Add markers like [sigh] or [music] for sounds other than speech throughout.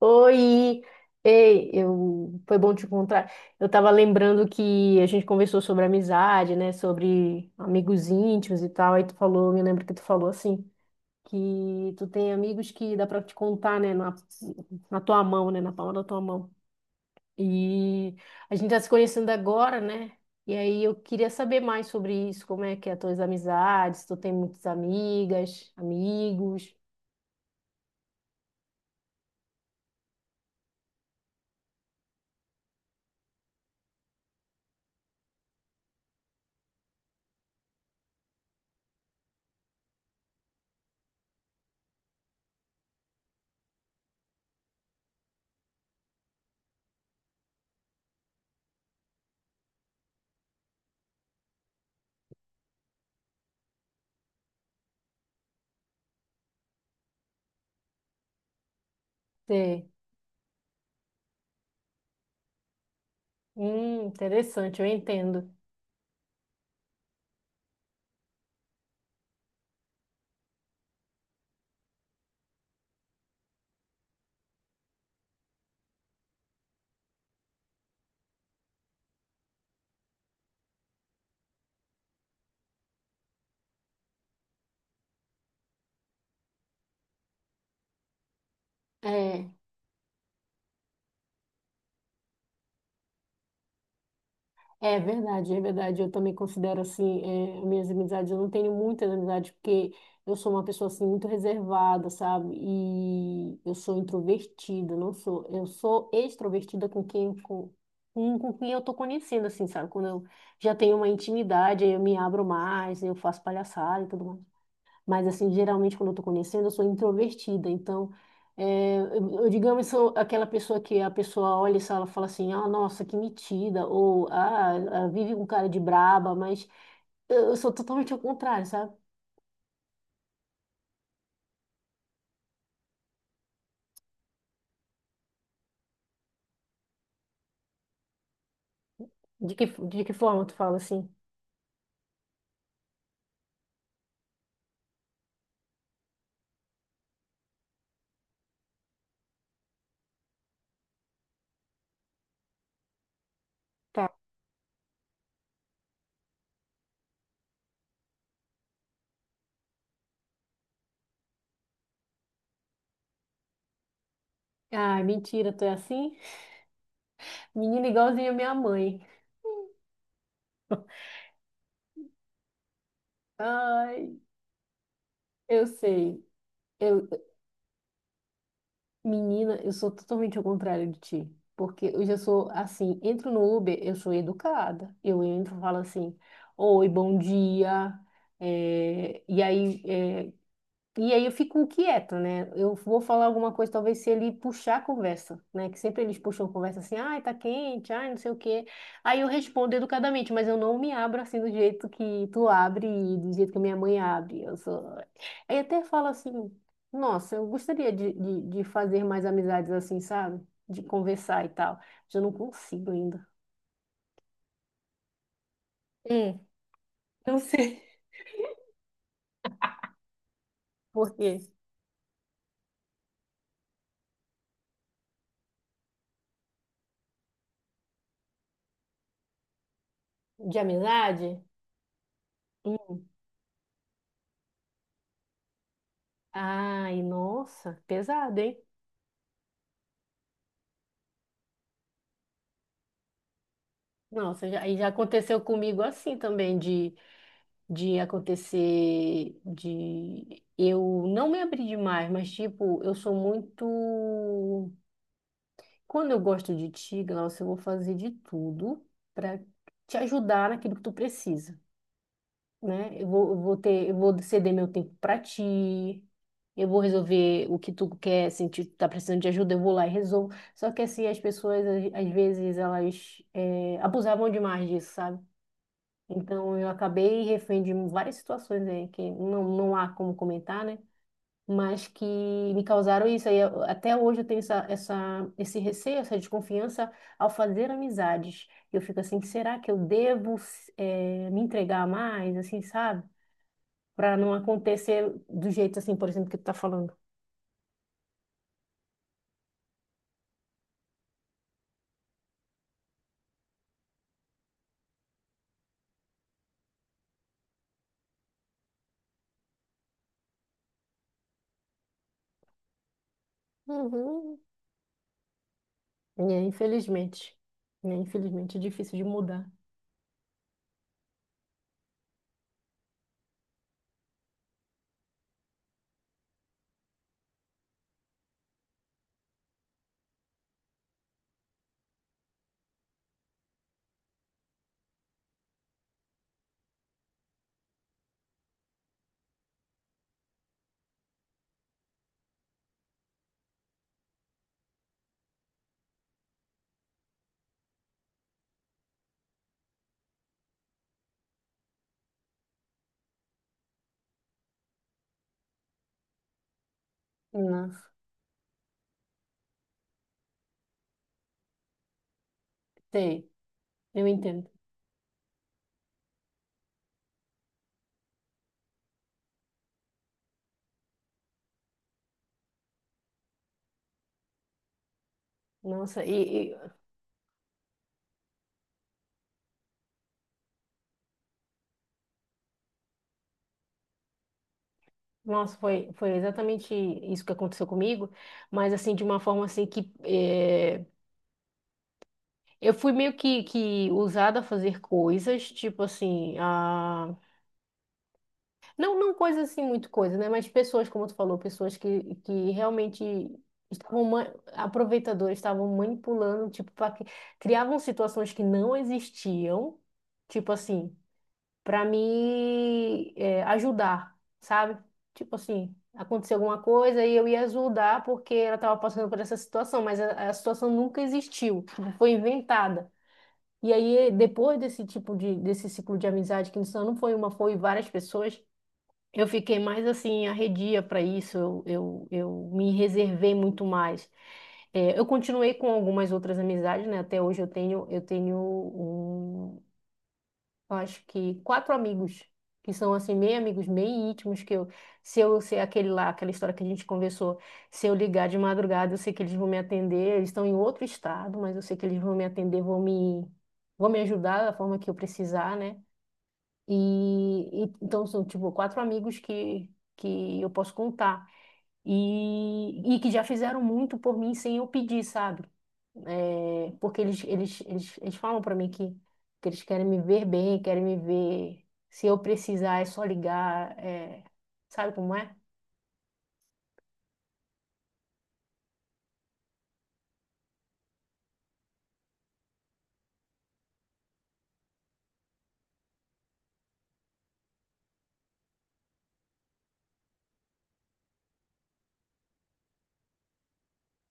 Oi! Ei, eu... foi bom te encontrar. Eu tava lembrando que a gente conversou sobre amizade, né? Sobre amigos íntimos e tal. Aí tu falou, me lembro que tu falou assim, que tu tem amigos que dá pra te contar, né? Na tua mão, né? Na palma da tua mão. E a gente tá se conhecendo agora, né? E aí eu queria saber mais sobre isso, como é que é as tuas amizades, se tu tem muitas amigas, amigos. Sei. Interessante, eu entendo. É. É verdade, é verdade. Eu também considero assim, minhas amizades. Eu não tenho muitas amizades porque eu sou uma pessoa assim muito reservada, sabe? E eu sou introvertida, não sou. Eu sou extrovertida com com quem eu tô conhecendo, assim, sabe? Quando eu já tenho uma intimidade, aí eu me abro mais, eu faço palhaçada e tudo mais. Mas, assim, geralmente quando eu tô conhecendo, eu sou introvertida. Então, é, eu, digamos, sou aquela pessoa que a pessoa olha e fala assim, ah, nossa, que metida. Ou vive com cara de braba. Mas eu sou totalmente ao contrário, sabe? De que forma tu fala assim? Tá. Ai, mentira, tu é assim? Menina igualzinha a minha mãe. Ai, eu sei. Eu Menina, eu sou totalmente ao contrário de ti. Porque eu já sou assim, entro no Uber, eu sou educada. Eu entro, falo assim, oi, bom dia. E aí, e aí eu fico inquieta, né? Eu vou falar alguma coisa, talvez se ele puxar a conversa, né? Que sempre eles puxam a conversa assim, ai, tá quente, ai, não sei o quê. Aí eu respondo educadamente, mas eu não me abro assim do jeito que tu abre e do jeito que minha mãe abre. Eu sou... Aí até falo assim, nossa, eu gostaria de fazer mais amizades assim, sabe? De conversar e tal. Mas eu não consigo ainda. Hum, não sei. Por quê? De amizade? Hum. Ai, nossa, pesado, hein? Nossa, já- aí já aconteceu comigo assim também, de acontecer, de eu não me abrir demais, mas tipo, eu sou muito. Quando eu gosto de ti, Glaucio, eu vou fazer de tudo para te ajudar naquilo que tu precisa, né? Eu vou ter, eu vou ceder meu tempo para ti, eu vou resolver o que tu quer, se tu tá precisando de ajuda, eu vou lá e resolvo. Só que assim, as pessoas, às vezes, elas abusavam demais disso, sabe? Então, eu acabei refém de várias situações aí que não, não há como comentar, né? Mas que me causaram isso. Aí, eu- até hoje eu tenho essa esse receio, essa desconfiança ao fazer amizades. Eu fico assim, será que eu devo me entregar mais, assim, sabe? Para não acontecer do jeito assim, por exemplo, que tu tá falando. Uhum. É, infelizmente. É, infelizmente é difícil de mudar. Nossa, sei. Eu entendo. Nossa, e, Nossa, foi, foi exatamente isso que aconteceu comigo, mas assim, de uma forma assim que eu fui meio que usada a fazer coisas, tipo assim, a... não, não coisas assim, muito coisa, né? Mas pessoas, como tu falou, pessoas que realmente estavam ma- aproveitadoras, estavam manipulando, tipo, pra... que- criavam situações que não existiam, tipo assim. Para me ajudar, sabe? Tipo assim, aconteceu alguma coisa e eu ia ajudar porque ela estava passando por essa situação, mas a situação nunca existiu, tipo, foi inventada. E aí, depois desse desse ciclo de amizade, que não foi uma, foi várias pessoas, eu fiquei mais assim, arredia para isso, eu me reservei muito mais. Eu continuei com algumas outras amizades, né? Até hoje eu tenho um eu acho que quatro amigos, que são assim, meio amigos, meio íntimos, que eu, se eu sei aquele lá, aquela história que a gente conversou, se eu ligar de madrugada, eu sei que eles vão me atender, eles estão em outro estado, mas eu sei que eles vão me atender, vão me ajudar da forma que eu precisar, né? E então são tipo quatro amigos que eu posso contar e que já fizeram muito por mim sem eu pedir, sabe? É, porque eles falam para mim que eles querem me ver bem, querem me ver. Se eu precisar, é só ligar. É, sabe como é?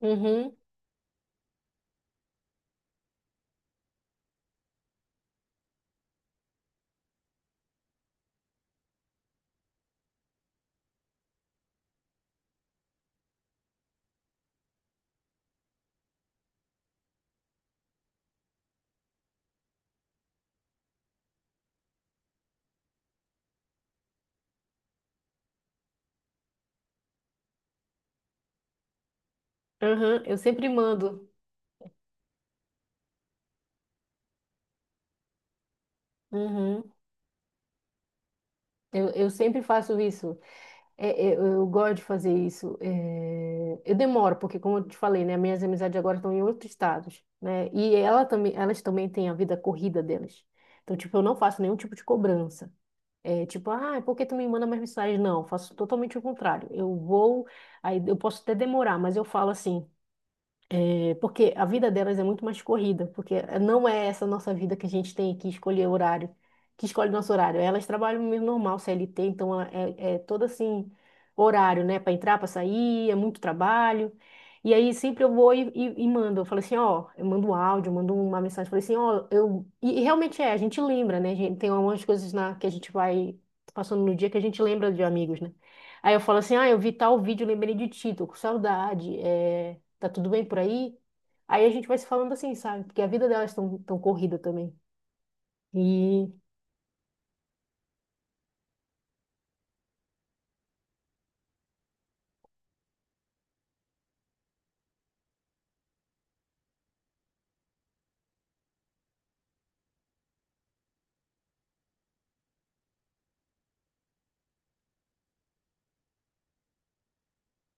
Uhum, uhum, eu sempre mando. Uhum. Eu sempre faço isso. É, é, eu gosto de fazer isso. É, eu demoro, porque como eu te falei, né, minhas amizades agora estão em outros estados, né? E ela também, elas também têm a vida corrida delas. Então, tipo, eu não faço nenhum tipo de cobrança. É, tipo, ah, por que tu me manda mais mensagens. Não, eu faço totalmente o contrário. Eu vou, aí eu posso até demorar, mas eu falo assim, é, porque a vida delas é muito mais corrida, porque não é essa nossa vida que a gente tem que escolher horário, que escolhe nosso horário. Elas trabalham mesmo normal, CLT, então ela- é, é todo assim, horário, né? Para entrar, para sair, é muito trabalho. E aí sempre eu vou e mando, eu falo assim, ó, eu mando um áudio, mando uma mensagem, falei assim, ó, eu... e realmente é, a gente lembra, né? A gente, tem algumas coisas na, que a gente vai passando no dia que a gente lembra de amigos, né? Aí eu falo assim, ah, eu vi tal vídeo, lembrei de ti, tô com saudade, é, tá tudo bem por aí? Aí a gente vai se falando assim, sabe? Porque a vida delas é tão corrida também. E,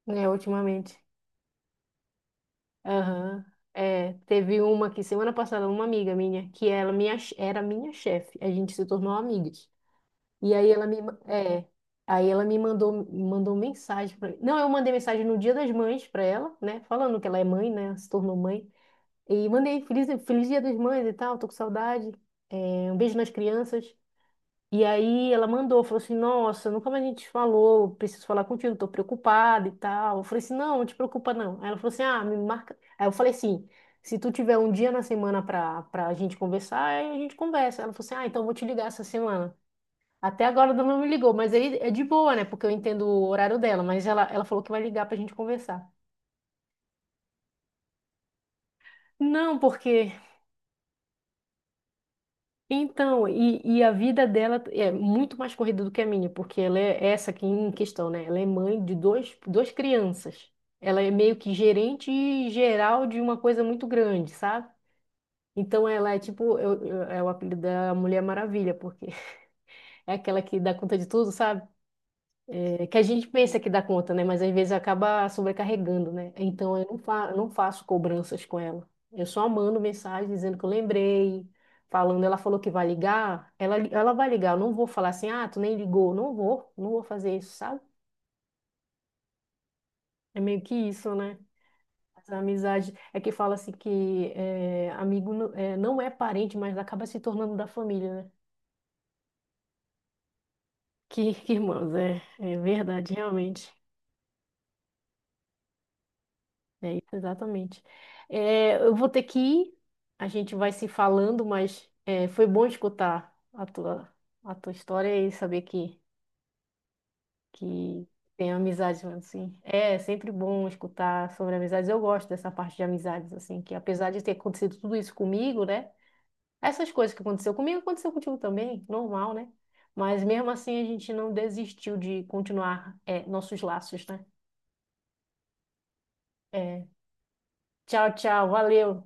né, ultimamente. Aham. É, teve uma que semana passada, uma amiga minha, que ela minha, era minha chefe. A gente se tornou amigas. E aí ela me, ma- é, aí ela me mandou, mandou mensagem pra, mim. Não, eu mandei mensagem no Dia das Mães pra ela, né? Falando que ela é mãe, né? Se tornou mãe. E mandei feliz, feliz Dia das Mães e tal, tô com saudade. É, um beijo nas crianças. E aí ela mandou, falou assim, nossa, nunca mais a gente falou, preciso falar contigo, tô preocupada e tal. Eu falei assim, não, não te preocupa não. Aí ela falou assim, ah, me marca. Aí eu falei assim, se tu tiver um dia na semana pra, pra gente conversar, aí a gente conversa. Ela falou assim, ah, então eu vou te ligar essa semana. Até agora ela não me ligou, mas aí é de boa, né? Porque eu entendo o horário dela, mas ela falou que vai ligar pra gente conversar. Não, porque então, e a vida dela é muito mais corrida do que a minha, porque ela é essa aqui em questão, né? Ela é mãe de dois, duas crianças. Ela é meio que gerente geral de uma coisa muito grande, sabe? Então ela é tipo, eu- é o apelido da Mulher Maravilha, porque [laughs] é aquela que dá conta de tudo, sabe? É que a gente pensa que dá conta, né? Mas às vezes acaba sobrecarregando, né? Então eu não faço cobranças com ela. Eu só mando mensagem dizendo que eu lembrei, falando, ela falou que vai ligar, ela, li- ela vai ligar. Eu não vou falar assim, ah, tu nem ligou. Não vou, não vou fazer isso, sabe? É meio que isso, né? Essa amizade é que fala assim que é, amigo não é, não é parente, mas acaba se tornando da família, né? Que irmãos, é, é verdade, realmente. É isso, exatamente. É, eu vou ter que ir, a gente vai se falando, mas é, foi bom escutar a tua história e saber que tem amizades, assim. É sempre bom escutar sobre amizades. Eu gosto dessa parte de amizades, assim, que apesar de ter acontecido tudo isso comigo, né? Essas coisas que aconteceu comigo, aconteceu contigo também, normal, né? Mas mesmo assim a gente não desistiu de continuar é, nossos laços, né? É, tchau, tchau, valeu.